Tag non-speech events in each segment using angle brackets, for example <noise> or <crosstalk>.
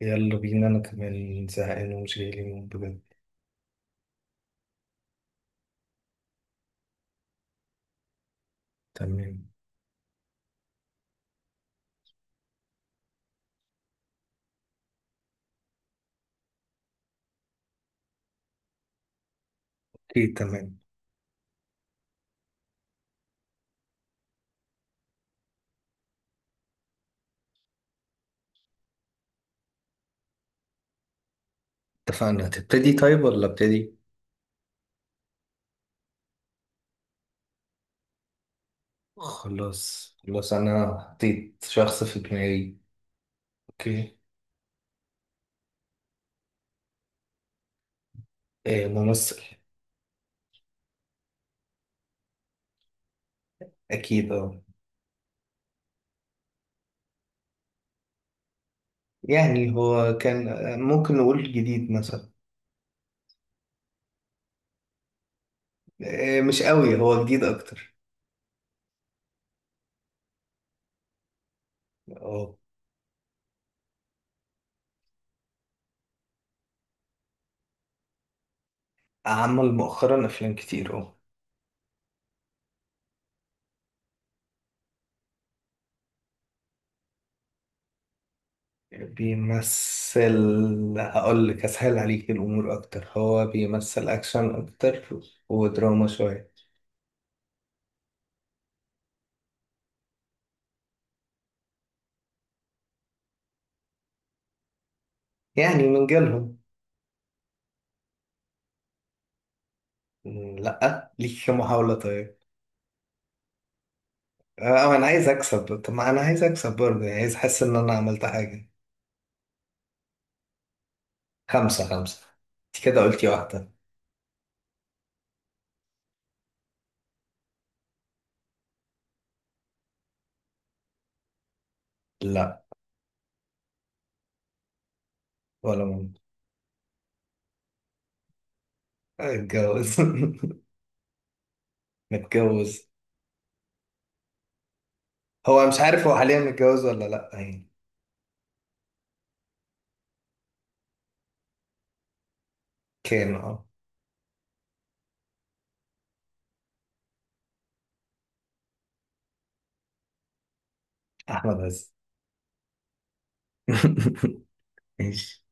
يلا بينا، أنا كمان زهقان ومش جاي لي نوم بجد. تمام. أوكي تمام. اتفقنا، هتبتدي طيب ولا ابتدي؟ خلاص خلاص، أنا حطيت شخص في دماغي. أوكي. آه ممثل. أكيد أه. يعني هو كان ممكن نقول جديد مثلا. آه مش قوي، هو جديد أكتر. أه عمل مؤخرا أفلام كتير أه. بيمثل. هقول لك أسهل عليك الأمور أكتر، هو بيمثل أكشن أكتر ودراما شوية. يعني من جيلهم. مم، لأ، ليك محاولة طيب. أه أنا عايز أكسب، طب ما أنا عايز أكسب برضه، يعني عايز أحس إن أنا عملت حاجة. خمسة خمسة. أنت كده قلتي واحدة. لأ. ولا ممكن. اتجوز <laughs> متجوز. هو مش عارف هو حاليا متجوز ولا لأ يعني. كان أه. أحمد عز. <laughs> ماشي.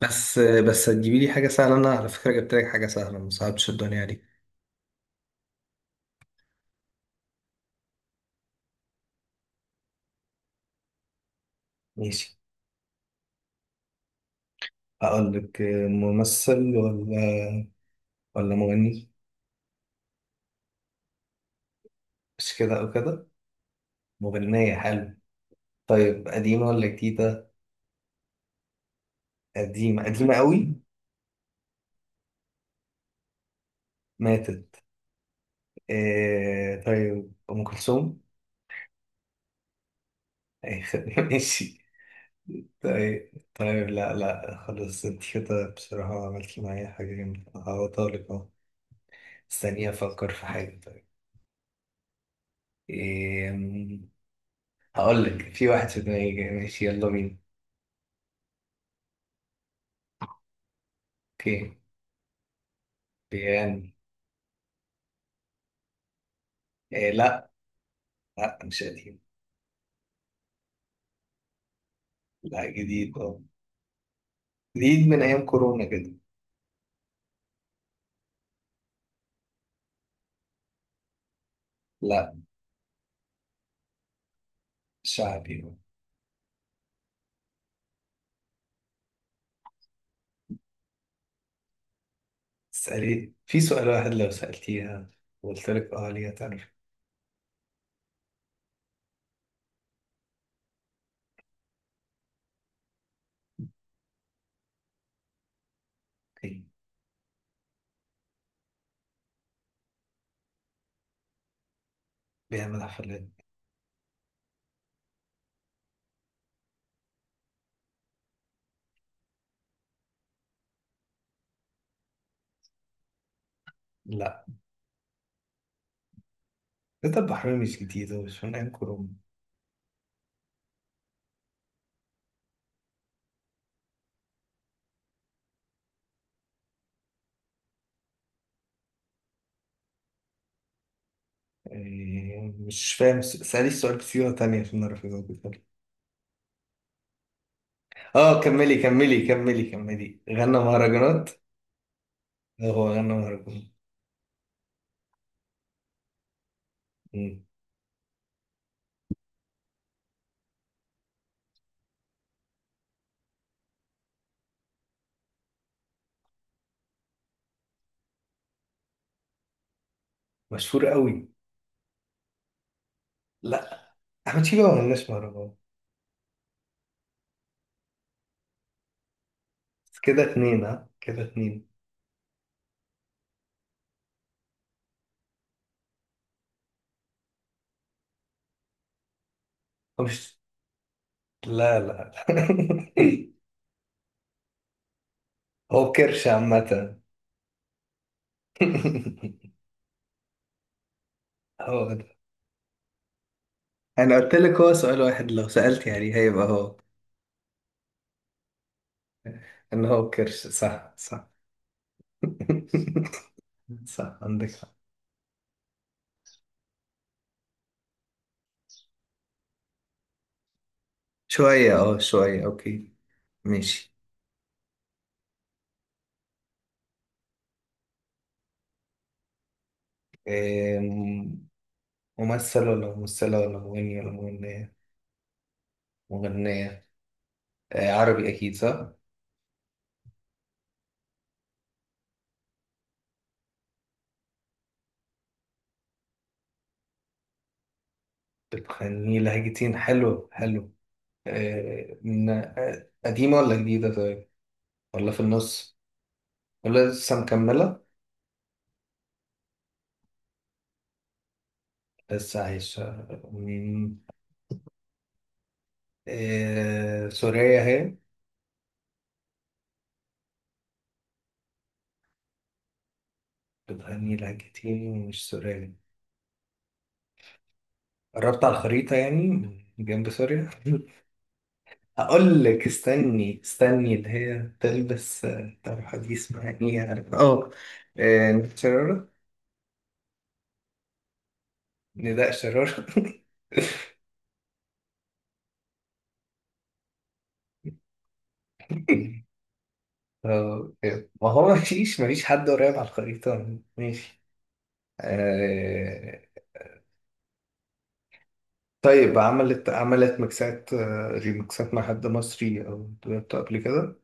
بس هتجيبي لي حاجة سهلة، أنا على فكرة جبت لك حاجة سهلة، ما صعبتش الدنيا دي. ماشي. هقول لك. ممثل ولا مغني. مش كده أو كده. مغنية حلو. طيب قديمة ولا جديدة؟ قديمة. قديمة قوي. ماتت. آه طيب أم كلثوم. أي خدمة <laughs> ماشي. طيب طيب، لا لا، خلاص انت كده بصراحة عملتي معايا حاجة جامدة، هعوضها لك اهو. استني أفكر في حاجة طيب. إيه. هقول لك، في واحد في دماغي جاي. ماشي يلا بينا. اوكي. بيغني. إيه لا. لا مش قديم. لا جديد اه. جديد من أيام كورونا كده. لا. شعبي. اسألي في سؤال واحد لو سألتيها وقلت لك اه ليه هتعرف. إيه؟ بيعمل حفلات. لا، ده البحرين مش جديد، هو مش من أيام كورونا. إيه، مش فاهم اسألي السؤال بصيغة تانية عشان أعرف أجاوبك. اه كملي غنى مهرجانات. آه، هو غنى مهرجانات. مم. مشهور قوي. لا. أحمد شيبة ما غناش مهرجانات. كده اتنين، ها كده اتنين. هو مش، لا لا <laughs> لا. هو كرش عامة. <laughs> هو، انا قلت لك هو سؤال واحد لو سألت يعني هيبقى هو. ان هو كرش، صح صح. <laughs> صح عندك حق. شوية اه شوية اوكي. ماشي. أم، ممثل ولا ممثلة ولا مغني ولا مغنية. مغنية. آه، عربي أكيد صح. بتغني لهجتين، حلو حلو. آه، من آه، قديمة ولا جديدة طيب، ولا في النص. ولا لسه مكملة. لسه عايشة مم، آه، سورية هي. بتغني لاجتيني ومش سورياني. قربت على الخريطة يعني، جنب سوريا. <laughs> هقول لك استني اللي هي تلبس آه، طرحة دي اسمها ايه يعني اه. آه، نداء شرارة. نداء شرارة <laughs> آه، ما هو مفيش حد قريب على الخريطة، ماشي. آه، طيب عملت ميكسات آه، ريميكسات مع حد مصري أو دويتو قبل كده.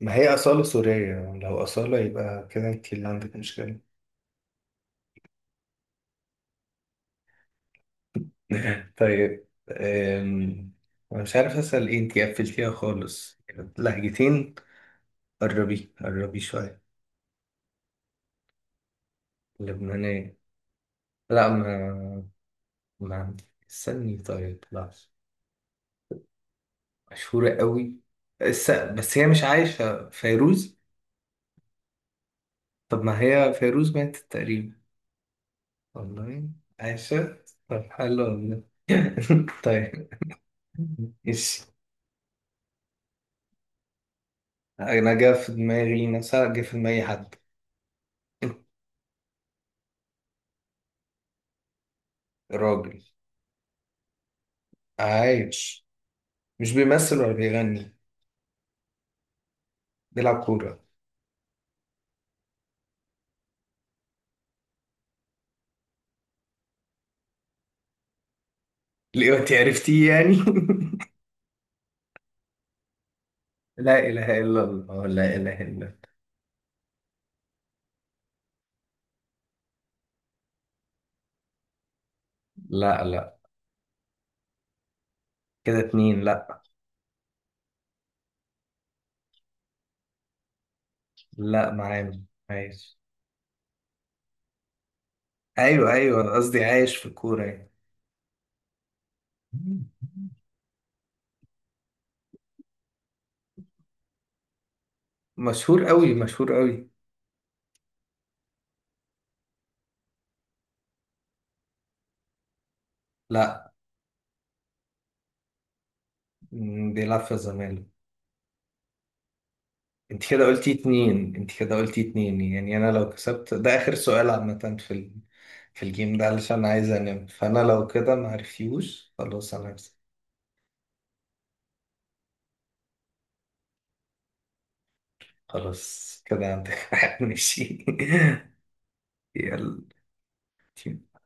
ما هي أصالة سورية، لو أصالة يبقى كده أنت اللي عندك مشكلة. <laughs> طيب أم، أنا مش عارف أسأل إيه، أنتي قفلتيها خالص. لهجتين. قربي قربي شوية. لبنانية. لا ما عندي. استني طيب، لا. مشهورة قوي. بس, هي مش عايشة. فيروز. طب ما هي فيروز ماتت تقريبا. والله عايشة. طب حلو والله. <laughs> طيب. إيش. أنا جا في دماغي، مثلا جا في دماغي حد. راجل. عايش. مش بيمثل ولا بيغني. نلعب كورة. ليه انت عرفتيه يعني. <laughs> لا إله إلا الله لا إله إلا الله. لا لا. كده اتنين، لا. لا معانا. عايش. أيوه أيوه، أنا قصدي عايش في الكورة يعني. مشهور قوي، مشهور قوي. لا. مم، بيلعب في الزمالك. انت كده قلتي اتنين يعني، انا لو كسبت ده اخر سؤال عامة في ال... في الجيم ده علشان عايز انام، فانا لو كده ما عرفتيهوش خلاص انا هكسب. خلاص كده عندك واحد <laughs> ماشي. <laughs> يلا. ترجمة نانسي قنقر.